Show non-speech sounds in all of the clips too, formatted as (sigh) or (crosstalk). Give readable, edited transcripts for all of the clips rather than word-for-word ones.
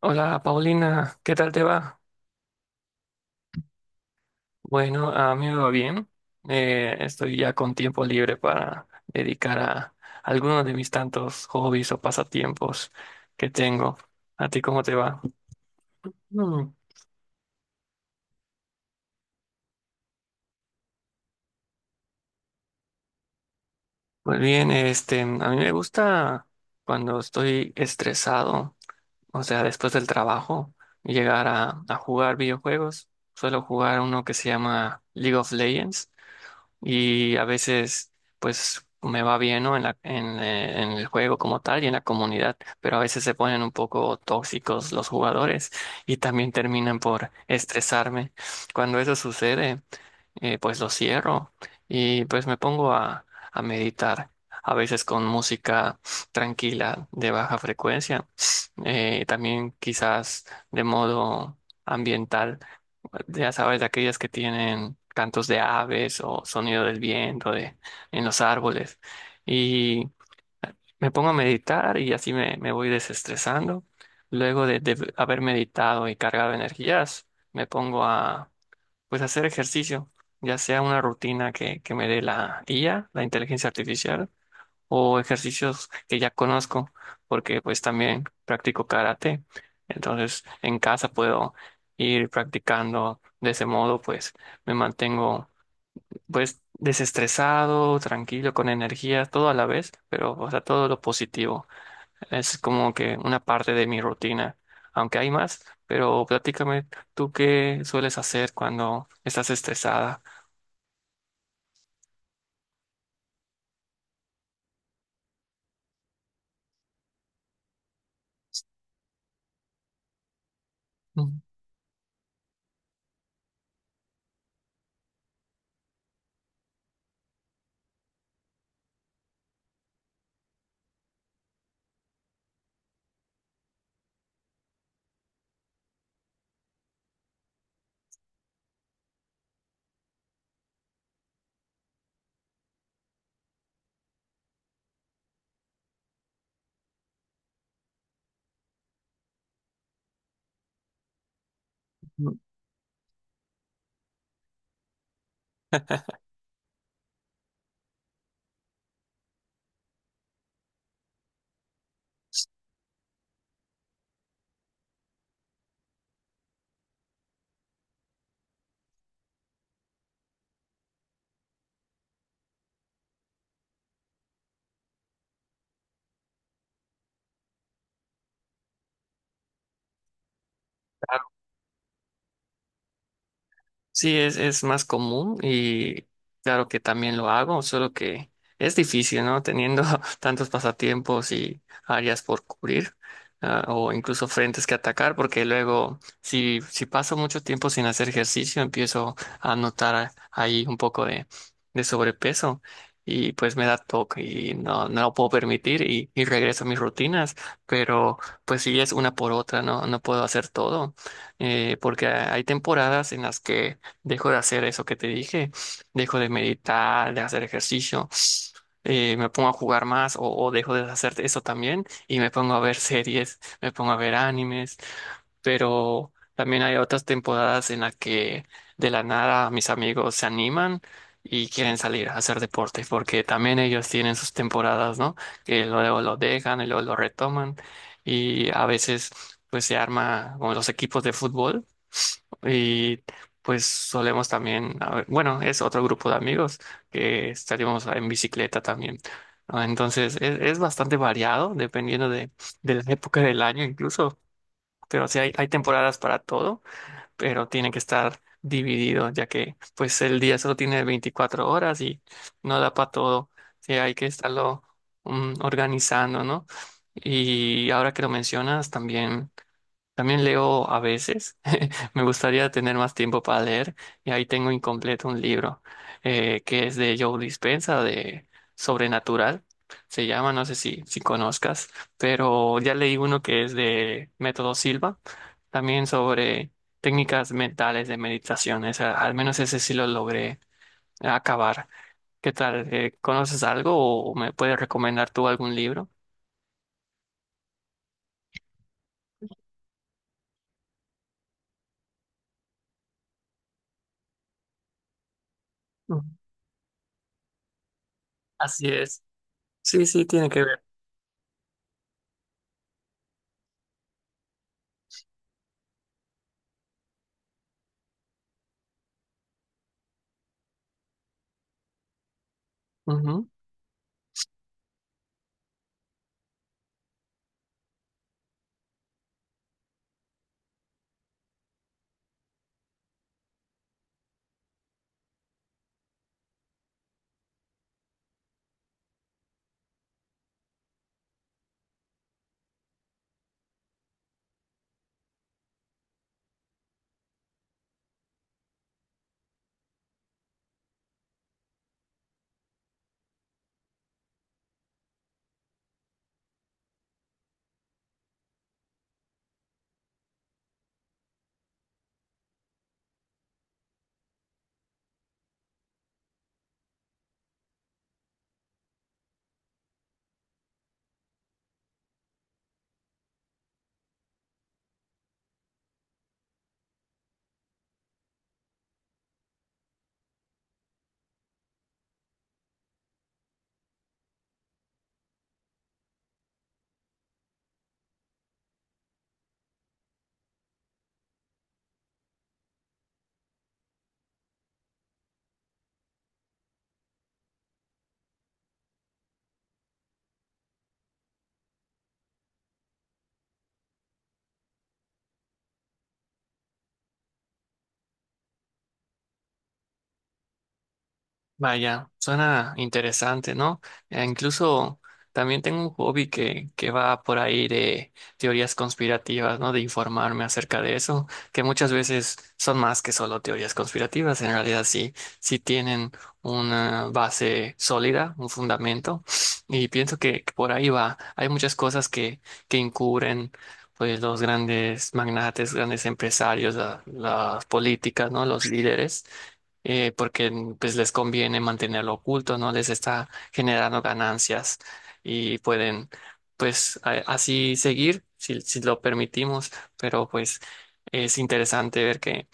Hola Paulina, ¿qué tal te va? Bueno, a mí me va bien. Estoy ya con tiempo libre para dedicar a algunos de mis tantos hobbies o pasatiempos que tengo. ¿A ti cómo te va? Mm, pues bien, este, a mí me gusta cuando estoy estresado, o sea, después del trabajo, llegar a jugar videojuegos. Suelo jugar uno que se llama League of Legends. Y a veces pues me va bien, ¿no? En el juego como tal y en la comunidad, pero a veces se ponen un poco tóxicos los jugadores y también terminan por estresarme. Cuando eso sucede, pues lo cierro y pues me pongo a meditar. A veces con música tranquila de baja frecuencia, también quizás de modo ambiental, ya sabes, de aquellas que tienen cantos de aves o sonido del viento de, en los árboles. Y me pongo a meditar y así me voy desestresando. Luego de haber meditado y cargado energías, me pongo a pues hacer ejercicio, ya sea una rutina que me dé la IA, la inteligencia artificial, o ejercicios que ya conozco, porque pues también practico karate. Entonces, en casa puedo ir practicando de ese modo, pues me mantengo pues desestresado, tranquilo, con energía, todo a la vez, pero o sea, todo lo positivo. Es como que una parte de mi rutina, aunque hay más, pero platícame, ¿tú qué sueles hacer cuando estás estresada? Mm. Sí, es más común y claro que también lo hago, solo que es difícil, ¿no? Teniendo (laughs) tantos pasatiempos y áreas por cubrir, ah, o incluso frentes que atacar, porque luego si paso mucho tiempo sin hacer ejercicio, empiezo a notar ahí un poco de sobrepeso y pues me da toque y no, no lo puedo permitir y regreso a mis rutinas, pero pues sí es una por otra, ¿no? No puedo hacer todo, porque hay temporadas en las que dejo de hacer eso que te dije, dejo de meditar, de hacer ejercicio, me pongo a jugar más o dejo de hacer eso también y me pongo a ver series, me pongo a ver animes, pero también hay otras temporadas en las que de la nada mis amigos se animan. Y quieren salir a hacer deporte, porque también ellos tienen sus temporadas, ¿no? Que luego lo dejan y luego lo retoman. Y a veces, pues se arma como los equipos de fútbol. Y pues solemos también, a ver, bueno, es otro grupo de amigos que estaríamos en bicicleta también. Ah, entonces, es bastante variado dependiendo de la época del año incluso. Pero sí hay temporadas para todo, pero tiene que estar dividido, ya que pues el día solo tiene 24 horas y no da para todo. Sí, hay que estarlo mm, organizando, ¿no? Y ahora que lo mencionas, también leo a veces. (laughs) Me gustaría tener más tiempo para leer y ahí tengo incompleto un libro, que es de Joe Dispenza, de Sobrenatural. Se llama, no sé si, si conozcas, pero ya leí uno que es de Método Silva, también sobre técnicas mentales de meditación. Esa- al menos ese sí lo logré acabar. ¿Qué tal? ¿Conoces algo o me puedes recomendar tú algún libro? Ujú. Así es. Sí, sí, tiene que ver. Vaya, suena interesante, ¿no? Incluso también tengo un hobby que va por ahí de teorías conspirativas, ¿no? De informarme acerca de eso, que muchas veces son más que solo teorías conspirativas, en realidad sí, sí tienen una base sólida, un fundamento, y pienso que por ahí va. Hay muchas cosas que encubren. Pues los grandes magnates, grandes empresarios, la- las políticas, ¿no? Los líderes, porque pues les conviene mantenerlo oculto, no les está generando ganancias y pueden pues así seguir si, si lo permitimos, pero pues es interesante ver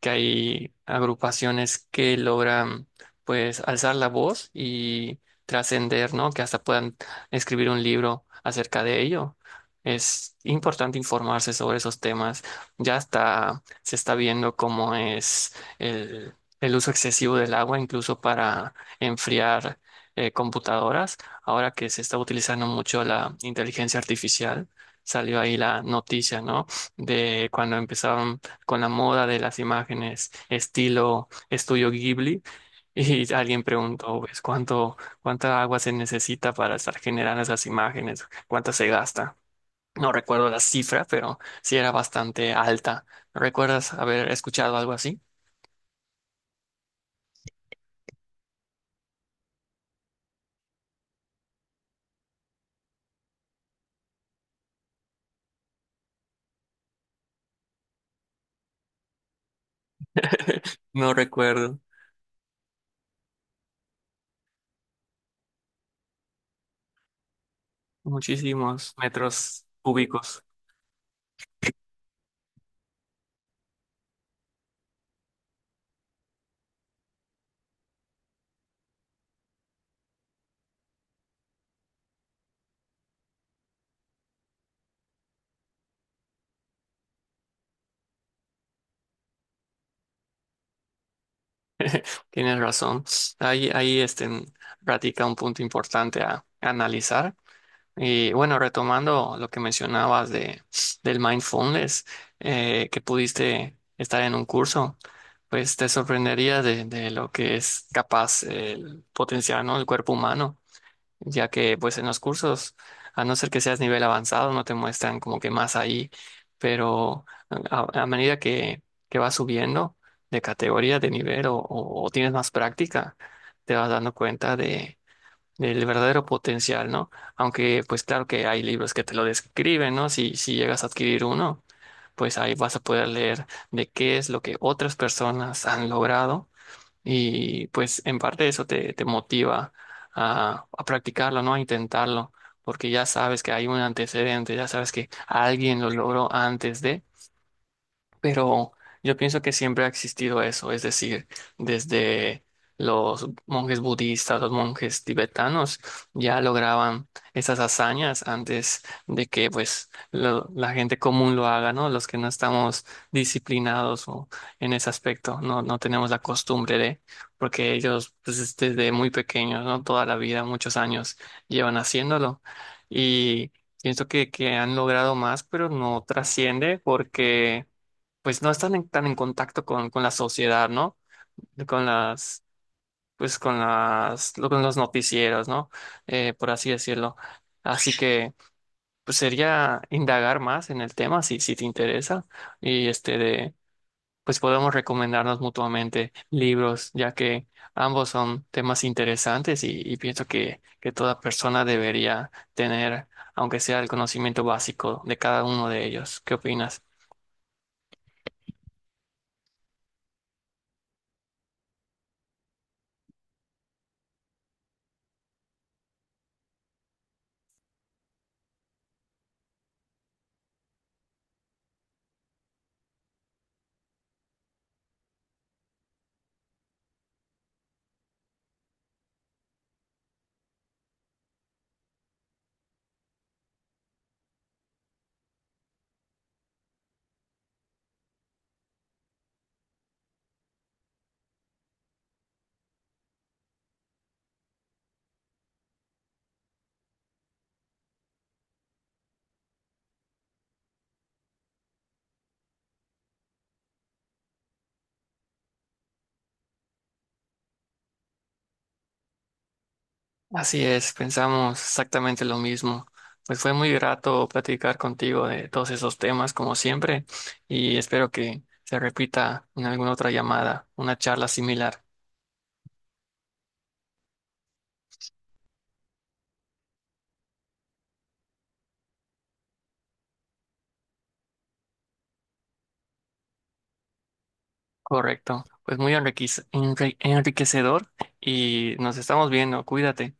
que hay agrupaciones que logran pues alzar la voz y trascender, ¿no? Que hasta puedan escribir un libro acerca de ello. Es importante informarse sobre esos temas. Ya está, se está viendo cómo es el el uso excesivo del agua, incluso para enfriar computadoras. Ahora que se está utilizando mucho la inteligencia artificial, salió ahí la noticia, ¿no? De cuando empezaron con la moda de las imágenes estilo estudio Ghibli. (laughs) Y alguien preguntó, pues, ¿cuánto, cuánta agua se necesita para estar generando esas imágenes? ¿Cuánta se gasta? No recuerdo la cifra, pero sí era bastante alta. ¿Recuerdas haber escuchado algo así? (laughs) No recuerdo. Muchísimos metros cúbicos, tienes razón. Ahí, ahí este, radica un punto importante a analizar. Y bueno, retomando lo que mencionabas de, del mindfulness, que pudiste estar en un curso, pues te sorprendería de lo que es capaz el potenciar, ¿no?, el cuerpo humano. Ya que pues en los cursos, a no ser que seas nivel avanzado, no te muestran como que más ahí, pero a medida que vas subiendo de categoría, de nivel o tienes más práctica, te vas dando cuenta de, del verdadero potencial, ¿no? Aunque pues claro que hay libros que te lo describen, ¿no? Si, si llegas a adquirir uno, pues ahí vas a poder leer de qué es lo que otras personas han logrado y pues en parte eso te motiva a practicarlo, ¿no? A intentarlo, porque ya sabes que hay un antecedente, ya sabes que alguien lo logró antes de... Pero yo pienso que siempre ha existido eso, es decir, desde los monjes budistas, los monjes tibetanos ya lograban esas hazañas antes de que pues lo- la gente común lo haga, ¿no? Los que no estamos disciplinados o en ese aspecto, no, no tenemos la costumbre de, porque ellos pues es desde muy pequeños, ¿no? Toda la vida, muchos años llevan haciéndolo y pienso que han logrado más, pero no trasciende porque pues no están en- tan en contacto con la sociedad, ¿no? Con las, pues con las, lo- con los noticieros, ¿no? Por así decirlo. Así que, pues sería indagar más en el tema si, si te interesa y este de, pues podemos recomendarnos mutuamente libros, ya que ambos son temas interesantes y pienso que toda persona debería tener, aunque sea el conocimiento básico de cada uno de ellos. ¿Qué opinas? Así es, pensamos exactamente lo mismo. Pues fue muy grato platicar contigo de todos esos temas, como siempre, y espero que se repita en alguna otra llamada, una charla similar. Correcto. Pues muy enriquec- enri- enriquecedor y nos estamos viendo. Cuídate.